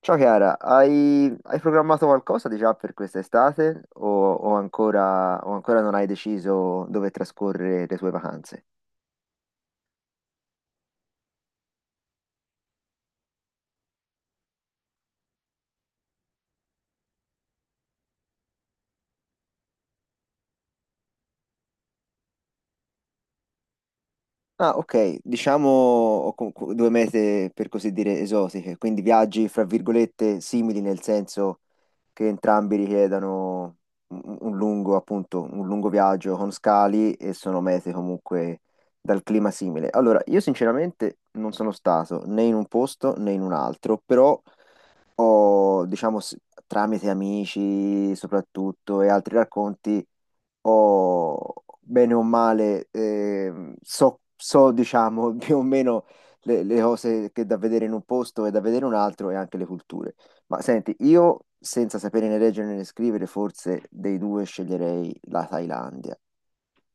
Ciao Chiara, hai programmato qualcosa di già per quest'estate o ancora non hai deciso dove trascorrere le tue vacanze? Ah, ok, diciamo ho due mete per così dire esotiche, quindi viaggi fra virgolette simili nel senso che entrambi richiedano un lungo, appunto, un lungo viaggio con scali e sono mete comunque dal clima simile. Allora, io sinceramente non sono stato né in un posto né in un altro, però ho, diciamo, tramite amici soprattutto e altri racconti, ho bene o male, so, diciamo, più o meno le cose che da vedere in un posto e da vedere in un altro e anche le culture. Ma senti, io senza sapere né leggere né scrivere, forse dei due sceglierei la Thailandia,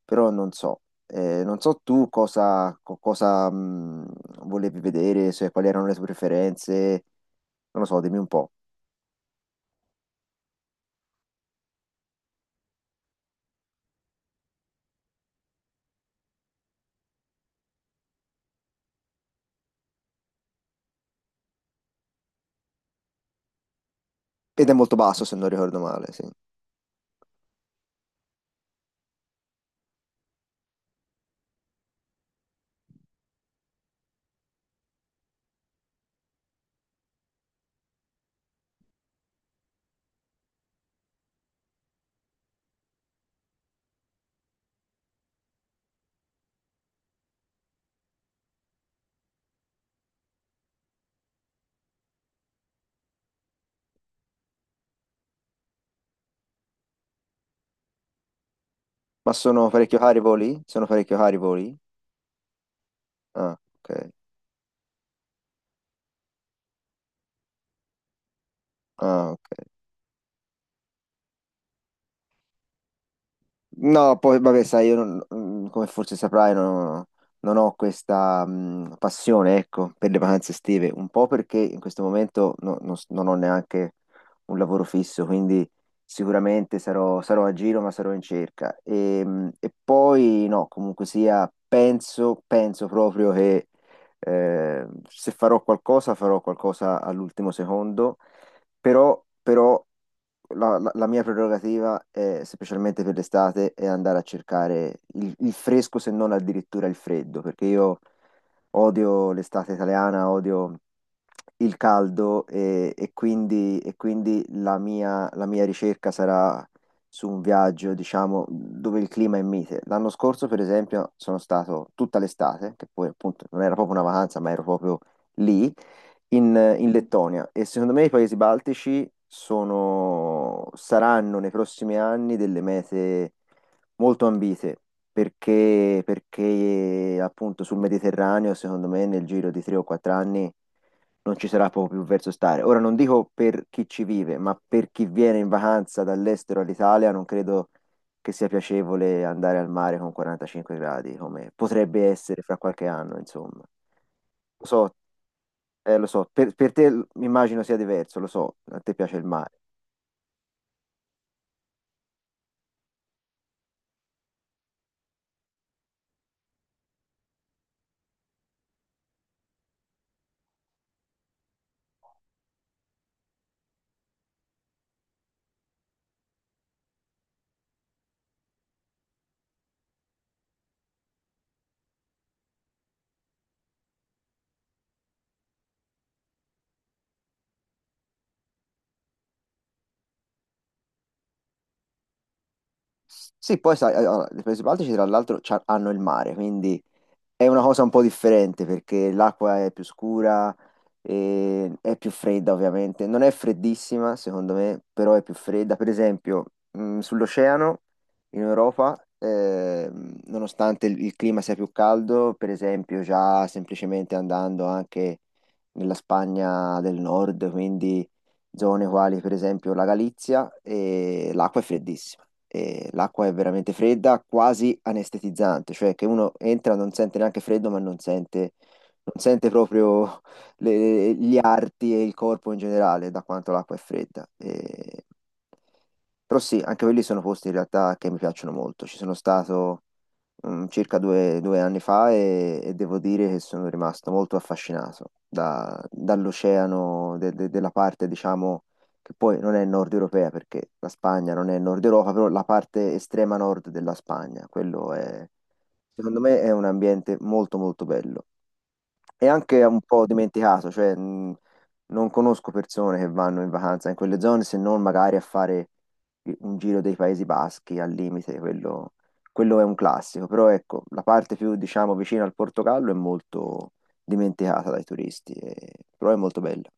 però non so. Non so tu cosa, volevi vedere, quali erano le tue preferenze, non lo so, dimmi un po'. Ed è molto basso se non ricordo male, sì. Ma sono parecchio cari i voli? Sono parecchio cari i voli? Ah, ok. Ah, ok. No, poi vabbè, sai, io non- mm, come forse saprai, non, non ho questa passione, ecco, per le vacanze estive, un po' perché in questo momento non ho neanche un lavoro fisso, quindi sicuramente sarò a giro, ma sarò in cerca. E, e poi no, comunque sia, penso proprio che se farò qualcosa, farò qualcosa all'ultimo secondo però la mia prerogativa, è, specialmente per l'estate, è andare a cercare il fresco, se non addirittura il freddo, perché io odio l'estate italiana, odio il caldo e quindi la mia ricerca sarà su un viaggio, diciamo, dove il clima è mite. L'anno scorso, per esempio, sono stato tutta l'estate, che poi appunto non era proprio una vacanza, ma ero proprio lì, in Lettonia. E secondo me i paesi baltici saranno nei prossimi anni delle mete molto ambite perché appunto sul Mediterraneo, secondo me, nel giro di 3 o 4 anni non ci sarà proprio più verso stare. Ora non dico per chi ci vive, ma per chi viene in vacanza dall'estero all'Italia, non credo che sia piacevole andare al mare con 45 gradi, come potrebbe essere fra qualche anno, insomma. Lo so, lo so, per te mi immagino sia diverso, lo so, a te piace il mare. Sì, poi sai, allora, le Paesi Baltici tra l'altro hanno il mare, quindi è una cosa un po' differente perché l'acqua è più scura, e è più fredda ovviamente, non è freddissima secondo me, però è più fredda. Per esempio, sull'oceano in Europa, nonostante il clima sia più caldo, per esempio già semplicemente andando anche nella Spagna del nord, quindi zone quali per esempio la Galizia, e l'acqua è freddissima. E l'acqua è veramente fredda, quasi anestetizzante, cioè che uno entra non sente neanche freddo, ma non sente proprio gli arti e il corpo in generale, da quanto l'acqua è fredda. Però sì, anche quelli sono posti in realtà che mi piacciono molto. Ci sono stato circa due anni fa e devo dire che sono rimasto molto affascinato dall'oceano, della parte, diciamo, che poi non è nord europea perché la Spagna non è nord Europa, però la parte estrema nord della Spagna, quello è, secondo me, è un ambiente molto molto bello è anche un po' dimenticato, cioè non conosco persone che vanno in vacanza in quelle zone se non magari a fare un giro dei Paesi Baschi al limite, quello è un classico, però ecco, la parte più diciamo vicina al Portogallo è molto dimenticata dai turisti, però è molto bella.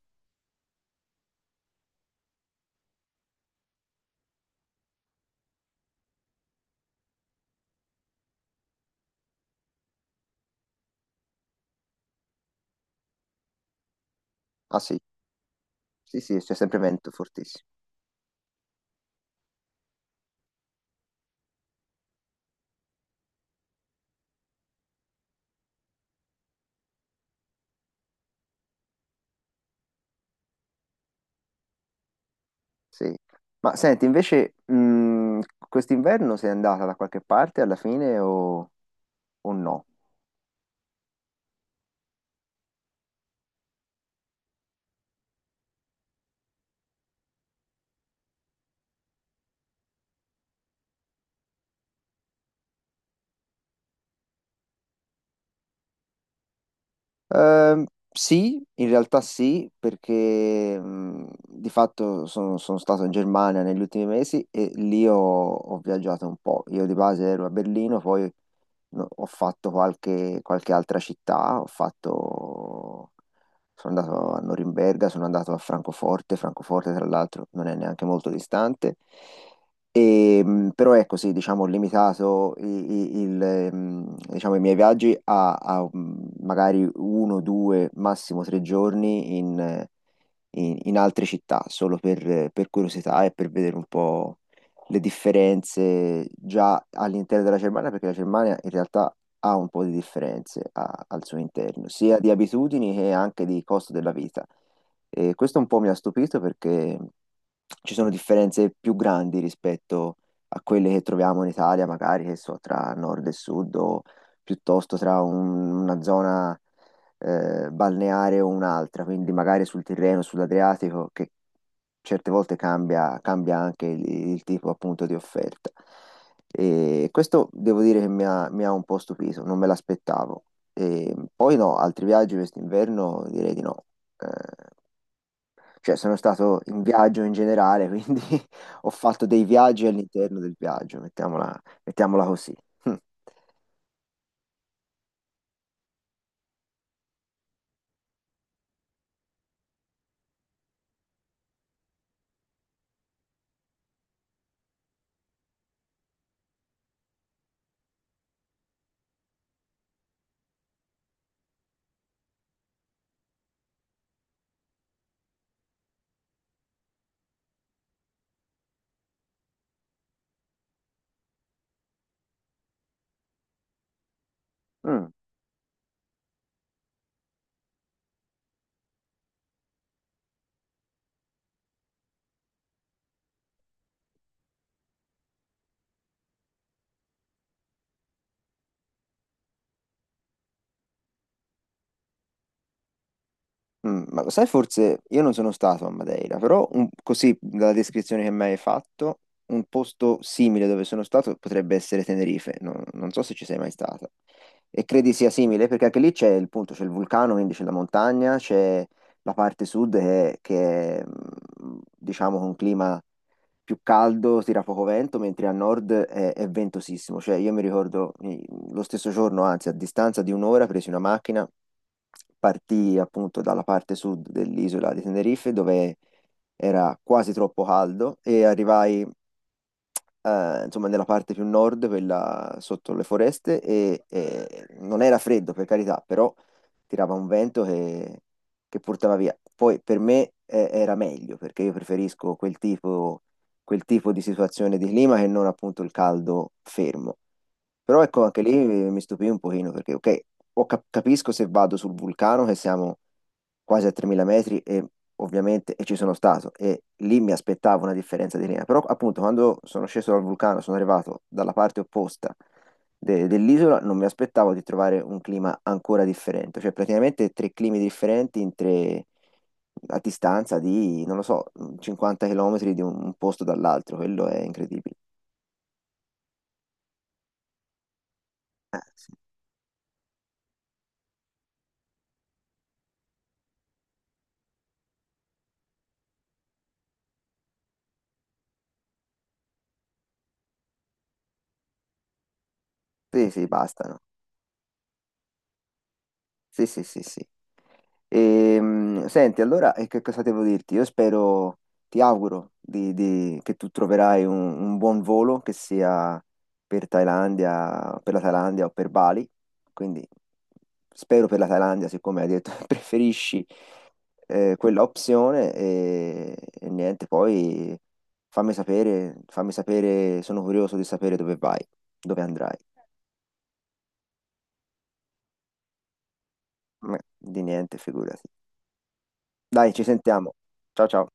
Ah sì, sì, sì, c'è sempre vento fortissimo. Sì. Ma senti, invece, quest'inverno sei andata da qualche parte alla fine o no? Ehm, sì, in realtà sì, perché di fatto sono stato in Germania negli ultimi mesi e lì ho, ho viaggiato un po'. Io di base ero a Berlino, poi no, ho fatto qualche altra città, ho fatto sono andato a Norimberga, sono andato a Francoforte, Francoforte tra l'altro non è neanche molto distante. E, però ecco, sì, diciamo, ho limitato diciamo, i miei viaggi magari uno, due, massimo tre giorni in altre città, solo per curiosità e per vedere un po' le, differenze già all'interno della Germania, perché la Germania in realtà ha un po' di differenze al suo interno, sia di abitudini che anche di costo della vita. E questo un po' mi ha stupito perché ci sono differenze più grandi rispetto a quelle che troviamo in Italia, magari che so, tra nord e sud o piuttosto tra una zona balneare o un'altra, quindi magari sul Tirreno, sull'Adriatico, che certe volte cambia anche il tipo appunto di offerta. E questo devo dire che mi ha un po' stupito, non me l'aspettavo. E poi no, altri viaggi quest'inverno direi di no. Eh, cioè sono stato in viaggio in generale, quindi ho fatto dei viaggi all'interno del viaggio, mettiamola così. Mm. Mm, ma lo sai, forse io non sono stato a Madeira, però così dalla descrizione che mi hai fatto, un posto simile dove sono stato potrebbe essere Tenerife, non so se ci sei mai stata. E credi sia simile perché anche lì c'è il punto, c'è il vulcano, quindi c'è la montagna, c'è la parte sud che è, diciamo, con un clima più caldo, tira poco vento, mentre a nord è ventosissimo. Cioè, io mi ricordo lo stesso giorno, anzi, a distanza di un'ora, presi una macchina, partii appunto dalla parte sud dell'isola di Tenerife, dove era quasi troppo caldo, e arrivai, insomma, nella parte più nord, quella sotto le foreste, e non era freddo, per carità, però tirava un vento che portava via. Poi per me era meglio, perché io preferisco quel tipo di situazione di clima che non appunto il caldo fermo. Però ecco, anche lì mi stupì un pochino perché, ok, ho capisco se vado sul vulcano che siamo quasi a 3000 metri e ovviamente ci sono stato e lì mi aspettavo una differenza di linea, però appunto quando sono sceso dal vulcano, sono arrivato dalla parte opposta dell'isola, non mi aspettavo di trovare un clima ancora differente, cioè praticamente tre climi differenti in tre, a distanza di, non lo so, 50 km di un posto dall'altro, quello è incredibile. Sì, sì, sì, bastano. Sì, sì, sì, sì. Senti, allora, e che cosa devo dirti? Io spero, ti auguro che tu troverai un buon volo, che sia per Thailandia, per la Thailandia o per Bali. Quindi spero per la Thailandia, siccome hai detto che preferisci quella opzione. E niente, poi fammi sapere, sono curioso di sapere dove andrai. Ma di niente, figurati. Dai, ci sentiamo. Ciao ciao.